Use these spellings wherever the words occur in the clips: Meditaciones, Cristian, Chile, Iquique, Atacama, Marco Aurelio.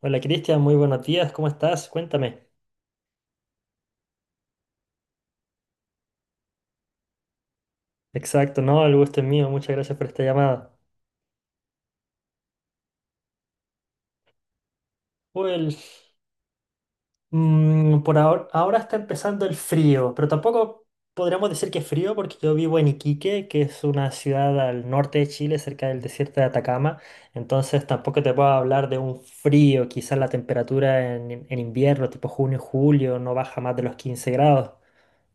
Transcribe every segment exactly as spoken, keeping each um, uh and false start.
Hola Cristian, muy buenos días, ¿cómo estás? Cuéntame. Exacto, no, el gusto es mío, muchas gracias por esta llamada. Well, mm, por ahora, ahora está empezando el frío, pero tampoco podríamos decir que es frío porque yo vivo en Iquique, que es una ciudad al norte de Chile, cerca del desierto de Atacama, entonces tampoco te puedo hablar de un frío, quizás la temperatura en, en invierno, tipo junio, julio, no baja más de los quince grados.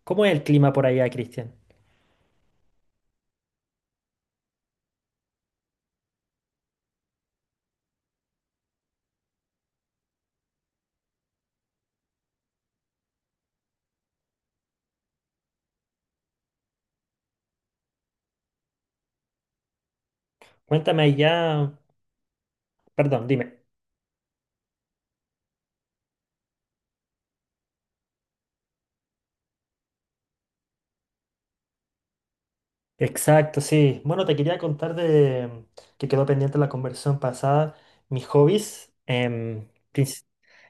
¿Cómo es el clima por allá, Cristian? Cuéntame allá, perdón, dime. Exacto, sí. Bueno, te quería contar de que quedó pendiente la conversación pasada. Mis hobbies em, princi-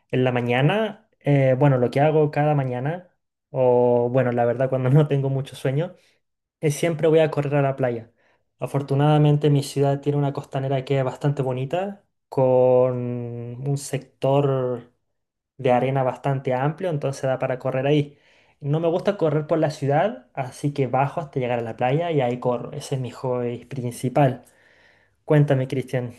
en la mañana, eh, bueno, lo que hago cada mañana, o bueno, la verdad cuando no tengo mucho sueño, es siempre voy a correr a la playa. Afortunadamente mi ciudad tiene una costanera que es bastante bonita, con un sector de arena bastante amplio, entonces da para correr ahí. No me gusta correr por la ciudad, así que bajo hasta llegar a la playa y ahí corro. Ese es mi hobby principal. Cuéntame, Cristian.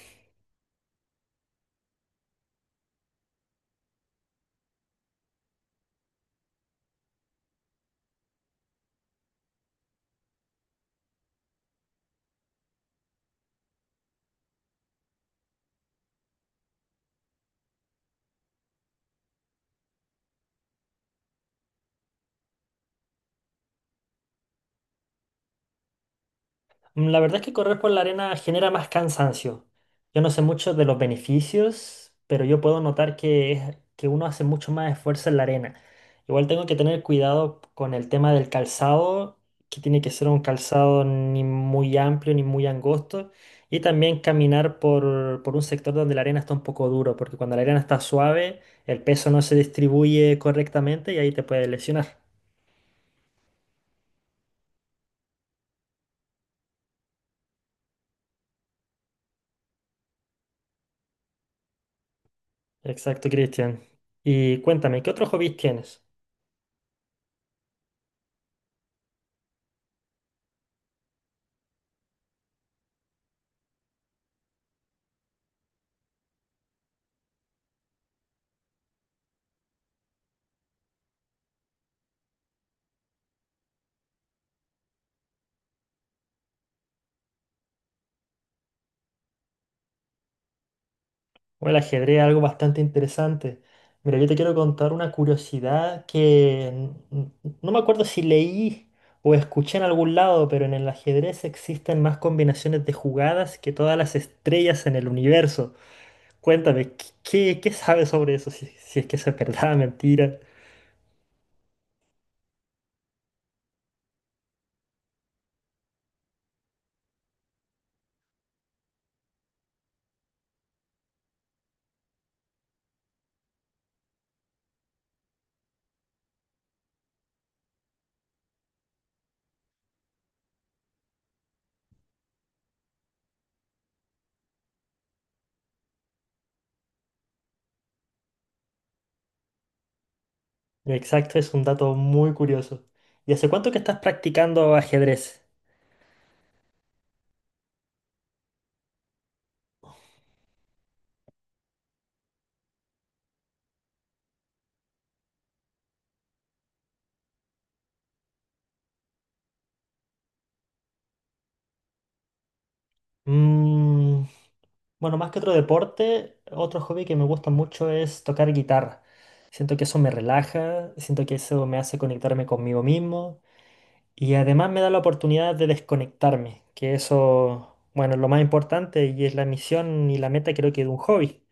Mm, La verdad es que correr por la arena genera más cansancio. Yo no sé mucho de los beneficios, pero yo puedo notar que, es- que uno hace mucho más esfuerzo en la arena. Igual tengo que tener cuidado con el tema del calzado, que tiene que ser un calzado ni muy amplio ni muy angosto. Y también caminar por, por un sector donde la arena está un poco duro, porque cuando la arena está suave, el peso no se distribuye correctamente y ahí te puedes lesionar. Exacto, Cristian. Y cuéntame, ¿qué otros hobbies tienes? O el ajedrez, algo bastante interesante. Mira, yo te quiero contar una curiosidad que n- n- no me acuerdo si leí o escuché en algún lado, pero en el ajedrez existen más combinaciones de jugadas que todas las estrellas en el universo. Cuéntame, ¿qué, qué qué sabes sobre eso? Si, si es que eso es verdad, mentira. Exacto, es un dato muy curioso. ¿Y hace cuánto que estás practicando ajedrez? Mmm. Bueno, más que otro deporte, otro hobby que me gusta mucho es tocar guitarra. Siento que eso me relaja, siento que eso me hace conectarme conmigo mismo y además me da la oportunidad de desconectarme, que eso, bueno, es lo más importante y es la misión y la meta creo que de un hobby.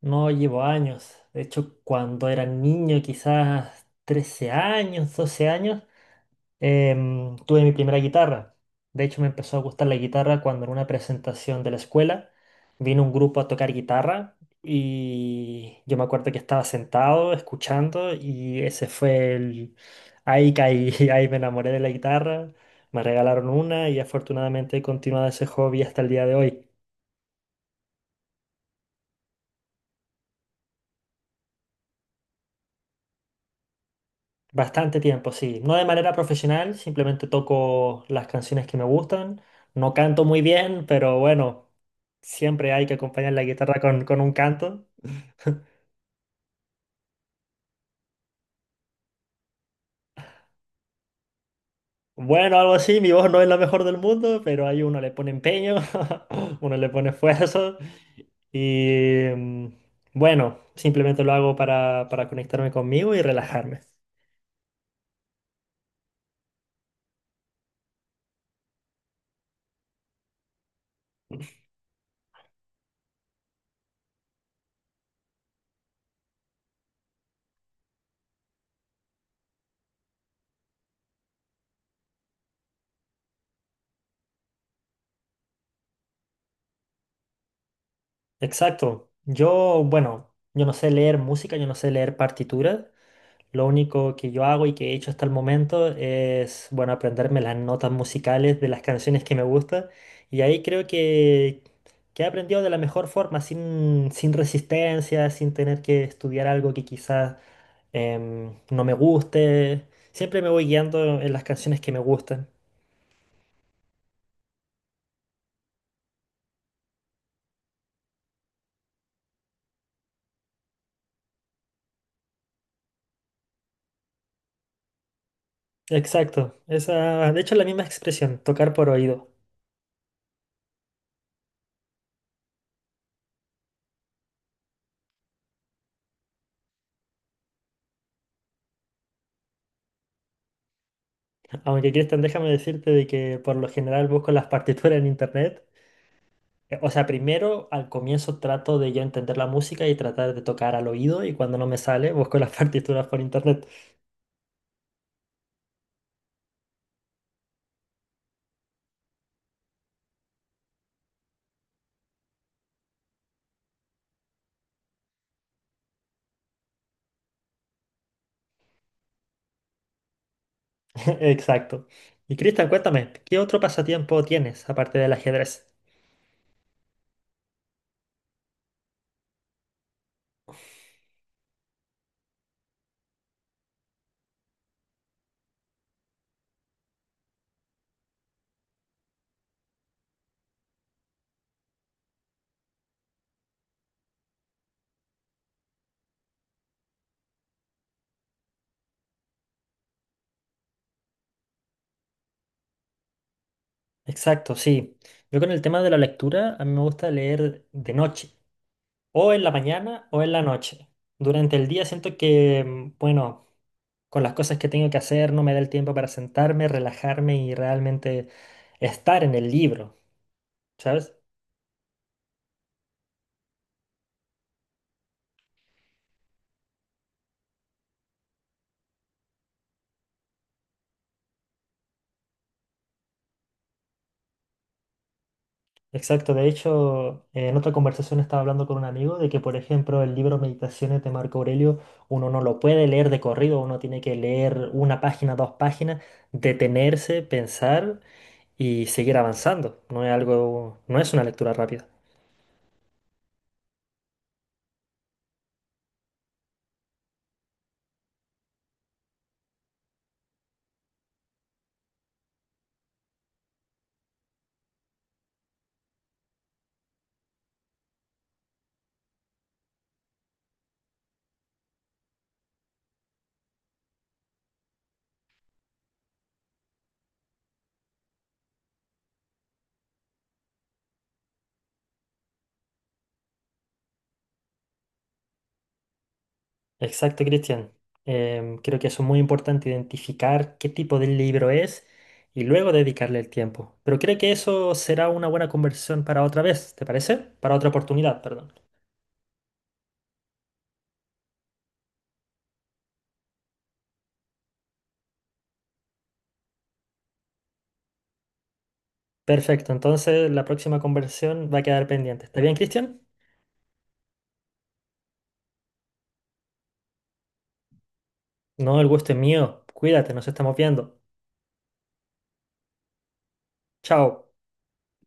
No llevo años, de hecho cuando era niño, quizás trece años, doce años. Em, tuve mi primera guitarra. De hecho, me empezó a gustar la guitarra cuando en una presentación de la escuela vino un grupo a tocar guitarra y yo me acuerdo que estaba sentado escuchando y ese fue el... Ahí caí, ahí me enamoré de la guitarra, me regalaron una y afortunadamente he continuado ese hobby hasta el día de hoy. Bastante tiempo, sí. No de manera profesional, simplemente toco las canciones que me gustan. No canto muy bien, pero bueno, siempre hay que acompañar la guitarra con, con un canto. Bueno, algo así, mi voz no es la mejor del mundo, pero ahí uno le pone empeño, uno le pone esfuerzo. Y mm, bueno, simplemente lo hago para, para conectarme conmigo y relajarme. Exacto. Yo, bueno, yo no sé leer música, yo no sé leer partituras. Lo único que yo hago y que he hecho hasta el momento es, bueno, aprenderme las notas musicales de las canciones que me gustan. Y ahí creo que, que he aprendido de la mejor forma, sin, sin resistencia, sin tener que estudiar algo que quizás em, no me guste. Siempre me voy guiando en las canciones que me gustan. Exacto, esa, de hecho es la misma expresión, tocar por oído. Aunque Cristian, déjame decirte de que por lo general busco las partituras en internet. Eh, O sea, primero al comienzo trato de yo entender la música y tratar de tocar al oído y cuando no me sale busco las partituras por internet. Exacto. Y Cristian, cuéntame, ¿qué otro pasatiempo tienes aparte del ajedrez? Exacto, sí. Yo con el tema de la lectura, a mí me gusta leer de noche, o en la mañana o en la noche. Durante el día siento que, mm, bueno, con las cosas que tengo que hacer no me da el tiempo para sentarme, relajarme y realmente estar en el libro, ¿sabes? Exacto, de hecho, en otra conversación estaba hablando con un amigo de que, por ejemplo, el libro Meditaciones de Marco Aurelio, uno no lo puede leer de corrido, uno tiene que leer una página, dos páginas, detenerse, pensar y seguir avanzando. No es algo, no es una lectura rápida. Exacto, Cristian. Em, creo que eso es muy importante, identificar qué tipo de libro es y luego dedicarle el tiempo. Pero creo que eso será una buena conversación para otra vez, ¿te parece? Para otra oportunidad, perdón. Perfecto, entonces la próxima conversación va a quedar pendiente. ¿Está bien, Cristian? No, el gusto es mío. Cuídate, nos estamos viendo. Chao.